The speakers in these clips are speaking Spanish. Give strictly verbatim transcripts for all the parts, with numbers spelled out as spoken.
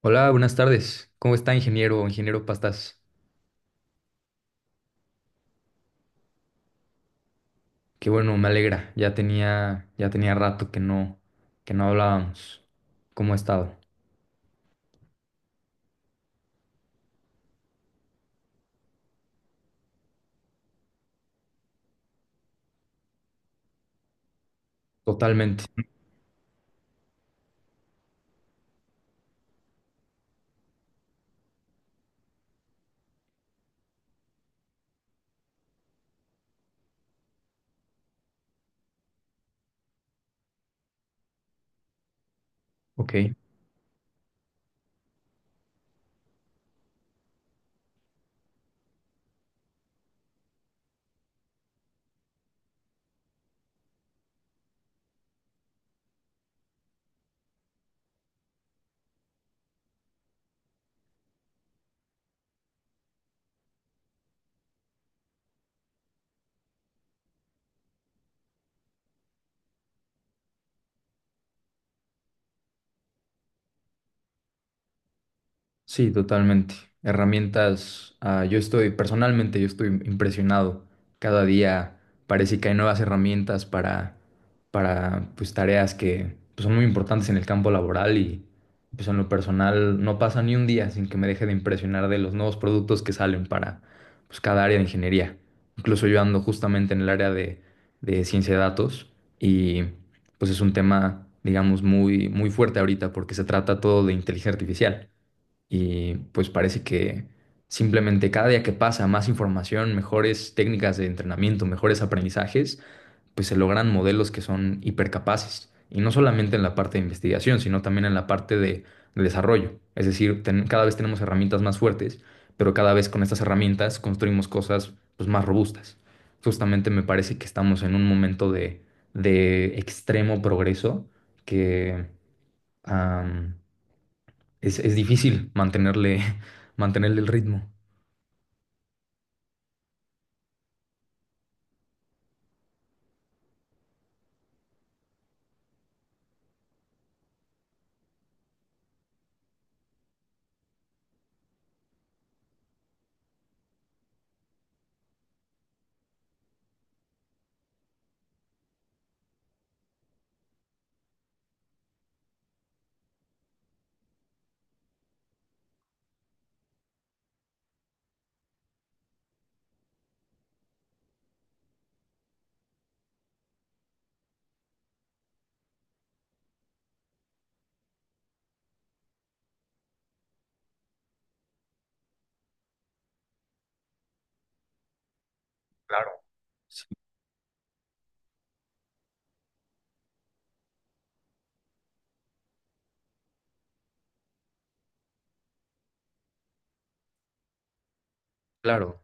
Hola, buenas tardes. ¿Cómo está, ingeniero, ingeniero Pastas? Qué bueno, me alegra. Ya tenía, ya tenía rato que no, que no hablábamos. ¿Cómo ha estado? Totalmente. Ok. Sí, totalmente. Herramientas, ah, yo estoy, personalmente yo estoy impresionado. Cada día parece que hay nuevas herramientas para, para pues, tareas que pues, son muy importantes en el campo laboral y pues, en lo personal no pasa ni un día sin que me deje de impresionar de los nuevos productos que salen para pues, cada área de ingeniería. Incluso yo ando justamente en el área de, de ciencia de datos y pues es un tema, digamos, muy, muy fuerte ahorita porque se trata todo de inteligencia artificial. Y pues parece que simplemente cada día que pasa, más información, mejores técnicas de entrenamiento, mejores aprendizajes, pues se logran modelos que son hipercapaces. Y no solamente en la parte de investigación, sino también en la parte de, de desarrollo. Es decir, ten- cada vez tenemos herramientas más fuertes, pero cada vez con estas herramientas construimos cosas pues, más robustas. Justamente me parece que estamos en un momento de, de extremo progreso que es, es difícil mantenerle, mantenerle el ritmo. Claro. Sí, claro.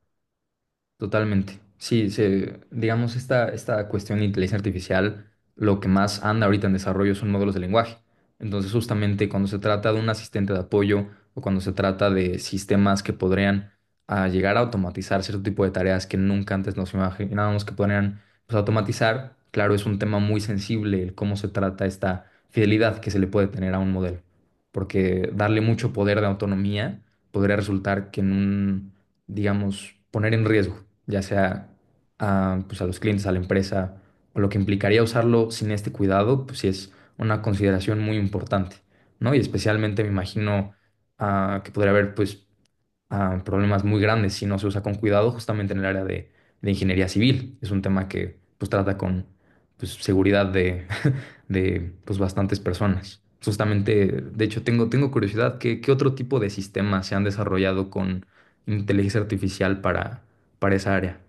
Totalmente. Sí, se, digamos, esta, esta cuestión de inteligencia artificial, lo que más anda ahorita en desarrollo son modelos de lenguaje. Entonces, justamente cuando se trata de un asistente de apoyo o cuando se trata de sistemas que podrían ah, llegar a automatizar cierto tipo de tareas que nunca antes nos imaginábamos que podrían pues, automatizar, claro, es un tema muy sensible el cómo se trata esta fidelidad que se le puede tener a un modelo. Porque darle mucho poder de autonomía podría resultar que en un digamos, poner en riesgo, ya sea a, pues, a los clientes, a la empresa, o lo que implicaría usarlo sin este cuidado, pues sí es una consideración muy importante, ¿no? Y especialmente me imagino ah, que podría haber, pues, ah, problemas muy grandes si no se usa con cuidado, justamente en el área de, de ingeniería civil. Es un tema que, pues, trata con, pues, seguridad de pues, bastantes personas. Justamente, de hecho, tengo, tengo curiosidad, ¿qué, qué otro tipo de sistemas se han desarrollado con inteligencia artificial para, para esa área?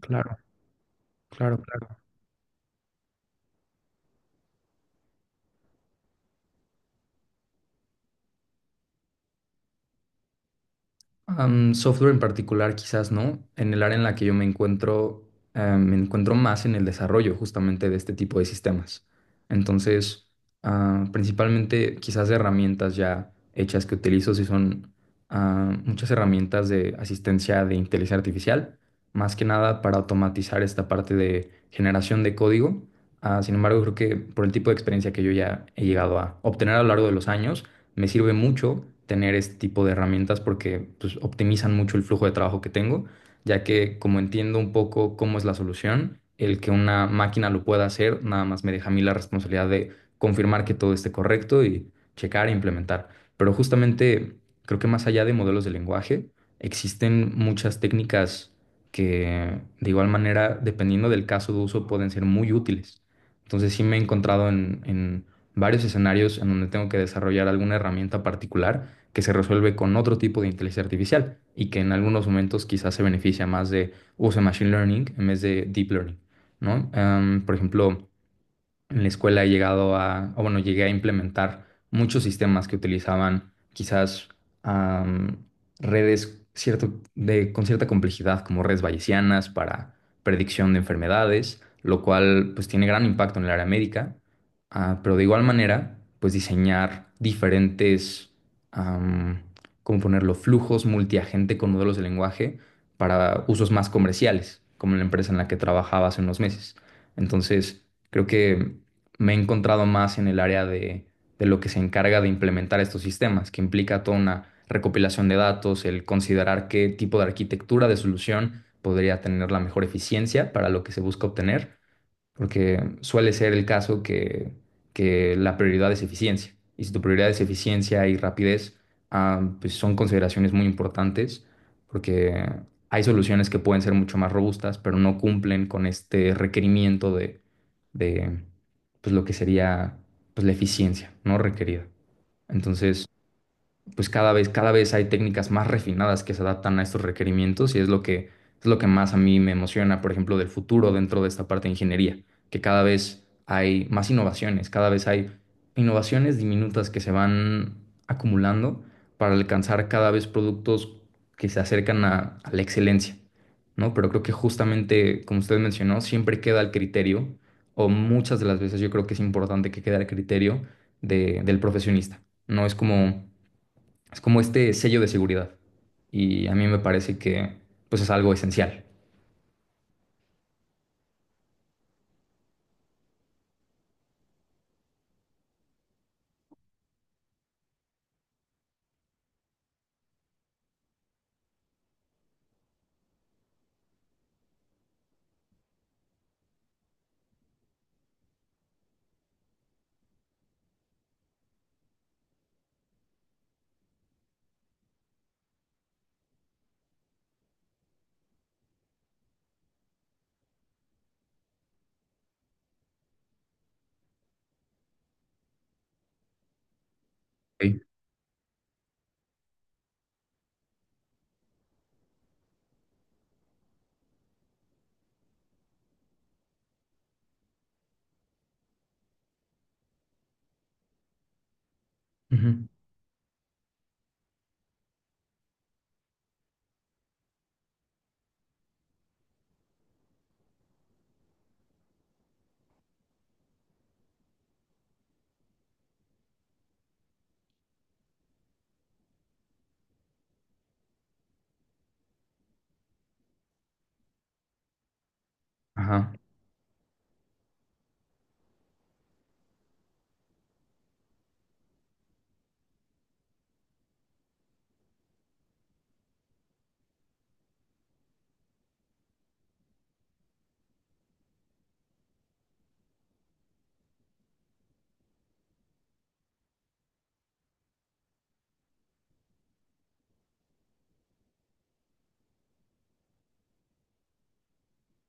Claro, claro, claro. Am, software en particular, quizás no. En el área en la que yo me encuentro, eh, me encuentro más en el desarrollo justamente de este tipo de sistemas. Entonces, ah, principalmente quizás herramientas ya hechas que utilizo, si son ah, muchas herramientas de asistencia de inteligencia artificial, más que nada para automatizar esta parte de generación de código. Ah, sin embargo, creo que por el tipo de experiencia que yo ya he llegado a obtener a lo largo de los años, me sirve mucho tener este tipo de herramientas porque pues, optimizan mucho el flujo de trabajo que tengo, ya que como entiendo un poco cómo es la solución, el que una máquina lo pueda hacer, nada más me deja a mí la responsabilidad de confirmar que todo esté correcto y checar e implementar. Pero justamente creo que más allá de modelos de lenguaje, existen muchas técnicas que de igual manera, dependiendo del caso de uso, pueden ser muy útiles. Entonces sí me he encontrado en, en varios escenarios en donde tengo que desarrollar alguna herramienta particular que se resuelve con otro tipo de inteligencia artificial y que en algunos momentos quizás se beneficia más de uso de machine learning en vez de deep learning, ¿no? Em, por ejemplo, en la escuela he llegado a, o bueno, llegué a implementar muchos sistemas que utilizaban quizás am, redes cierto, de, con cierta complejidad, como redes bayesianas para predicción de enfermedades, lo cual pues tiene gran impacto en el área médica. Ah, pero de igual manera, pues diseñar diferentes, am, ¿cómo ponerlo?, flujos multiagente con modelos de lenguaje para usos más comerciales, como la empresa en la que trabajaba hace unos meses. Entonces, creo que me he encontrado más en el área de, de lo que se encarga de implementar estos sistemas, que implica toda una recopilación de datos, el considerar qué tipo de arquitectura de solución podría tener la mejor eficiencia para lo que se busca obtener porque suele ser el caso que, que la prioridad es eficiencia. Y si tu prioridad es eficiencia y rapidez, ah, pues son consideraciones muy importantes, porque hay soluciones que pueden ser mucho más robustas, pero no cumplen con este requerimiento de, de pues lo que sería pues, la eficiencia no requerida. Entonces, pues cada vez, cada vez hay técnicas más refinadas que se adaptan a estos requerimientos y es lo que, es lo que más a mí me emociona, por ejemplo, del futuro dentro de esta parte de ingeniería, que cada vez hay más innovaciones, cada vez hay innovaciones diminutas que se van acumulando para alcanzar cada vez productos que se acercan a, a la excelencia, ¿no? Pero creo que justamente, como usted mencionó, siempre queda el criterio, o muchas de las veces yo creo que es importante que quede al criterio de- del profesionista. No es como es como este sello de seguridad. Y a mí me parece que pues es algo esencial. Ok. Ujú. Ajá.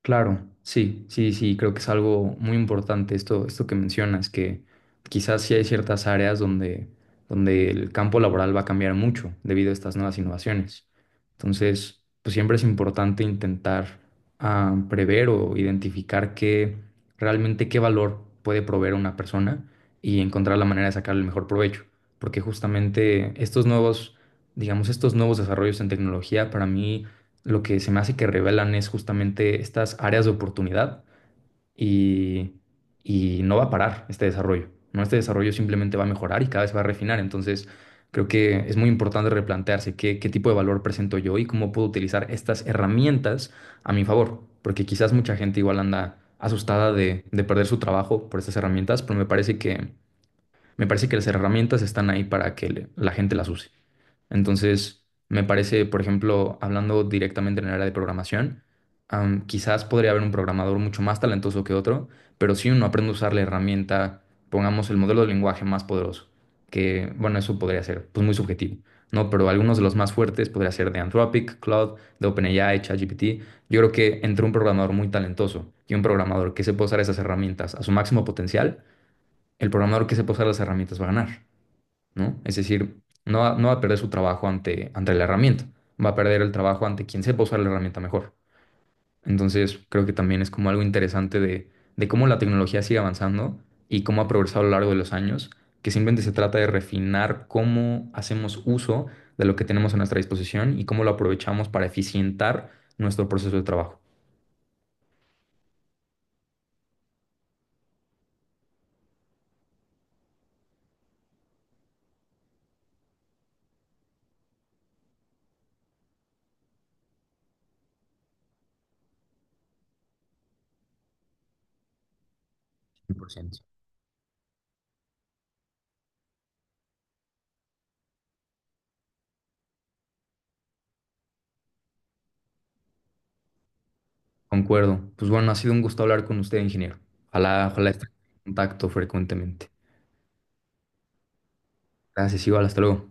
Claro, sí, sí, sí, creo que es algo muy importante esto, esto que mencionas, que quizás sí hay ciertas áreas donde, donde el campo laboral va a cambiar mucho debido a estas nuevas innovaciones. Entonces, pues siempre es importante intentar ah, prever o identificar qué realmente qué valor puede proveer una persona y encontrar la manera de sacar el mejor provecho. Porque justamente estos nuevos, digamos, estos nuevos desarrollos en tecnología para mí lo que se me hace que revelan es justamente estas áreas de oportunidad y, y no va a parar este desarrollo, ¿no? Este desarrollo simplemente va a mejorar y cada vez va a refinar. Entonces, creo que es muy importante replantearse qué, qué tipo de valor presento yo y cómo puedo utilizar estas herramientas a mi favor, porque quizás mucha gente igual anda asustada de, de perder su trabajo por estas herramientas, pero me parece que, me parece que las herramientas están ahí para que le- la gente las use. Entonces, me parece, por ejemplo, hablando directamente en el área de programación, am, quizás podría haber un programador mucho más talentoso que otro, pero si uno aprende a usar la herramienta, pongamos el modelo de lenguaje más poderoso, que, bueno, eso podría ser, pues muy subjetivo, ¿no? Pero algunos de los más fuertes podría ser de Anthropic, Claude, de OpenAI, ChatGPT. Yo creo que entre un programador muy talentoso y un programador que sepa usar esas herramientas a su máximo potencial, el programador que sepa usar las herramientas va a ganar. ¿No? Es decir, no va, no va a perder su trabajo ante, ante la herramienta, va a perder el trabajo ante quien sepa usar la herramienta mejor. Entonces, creo que también es como algo interesante de, de cómo la tecnología sigue avanzando y cómo ha progresado a lo largo de los años, que simplemente se trata de refinar cómo hacemos uso de lo que tenemos a nuestra disposición y cómo lo aprovechamos para eficientar nuestro proceso de trabajo. cien por ciento. Concuerdo. Pues bueno, ha sido un gusto hablar con usted, ingeniero. Ojalá, ojalá esté en contacto frecuentemente. Gracias, igual, hasta luego.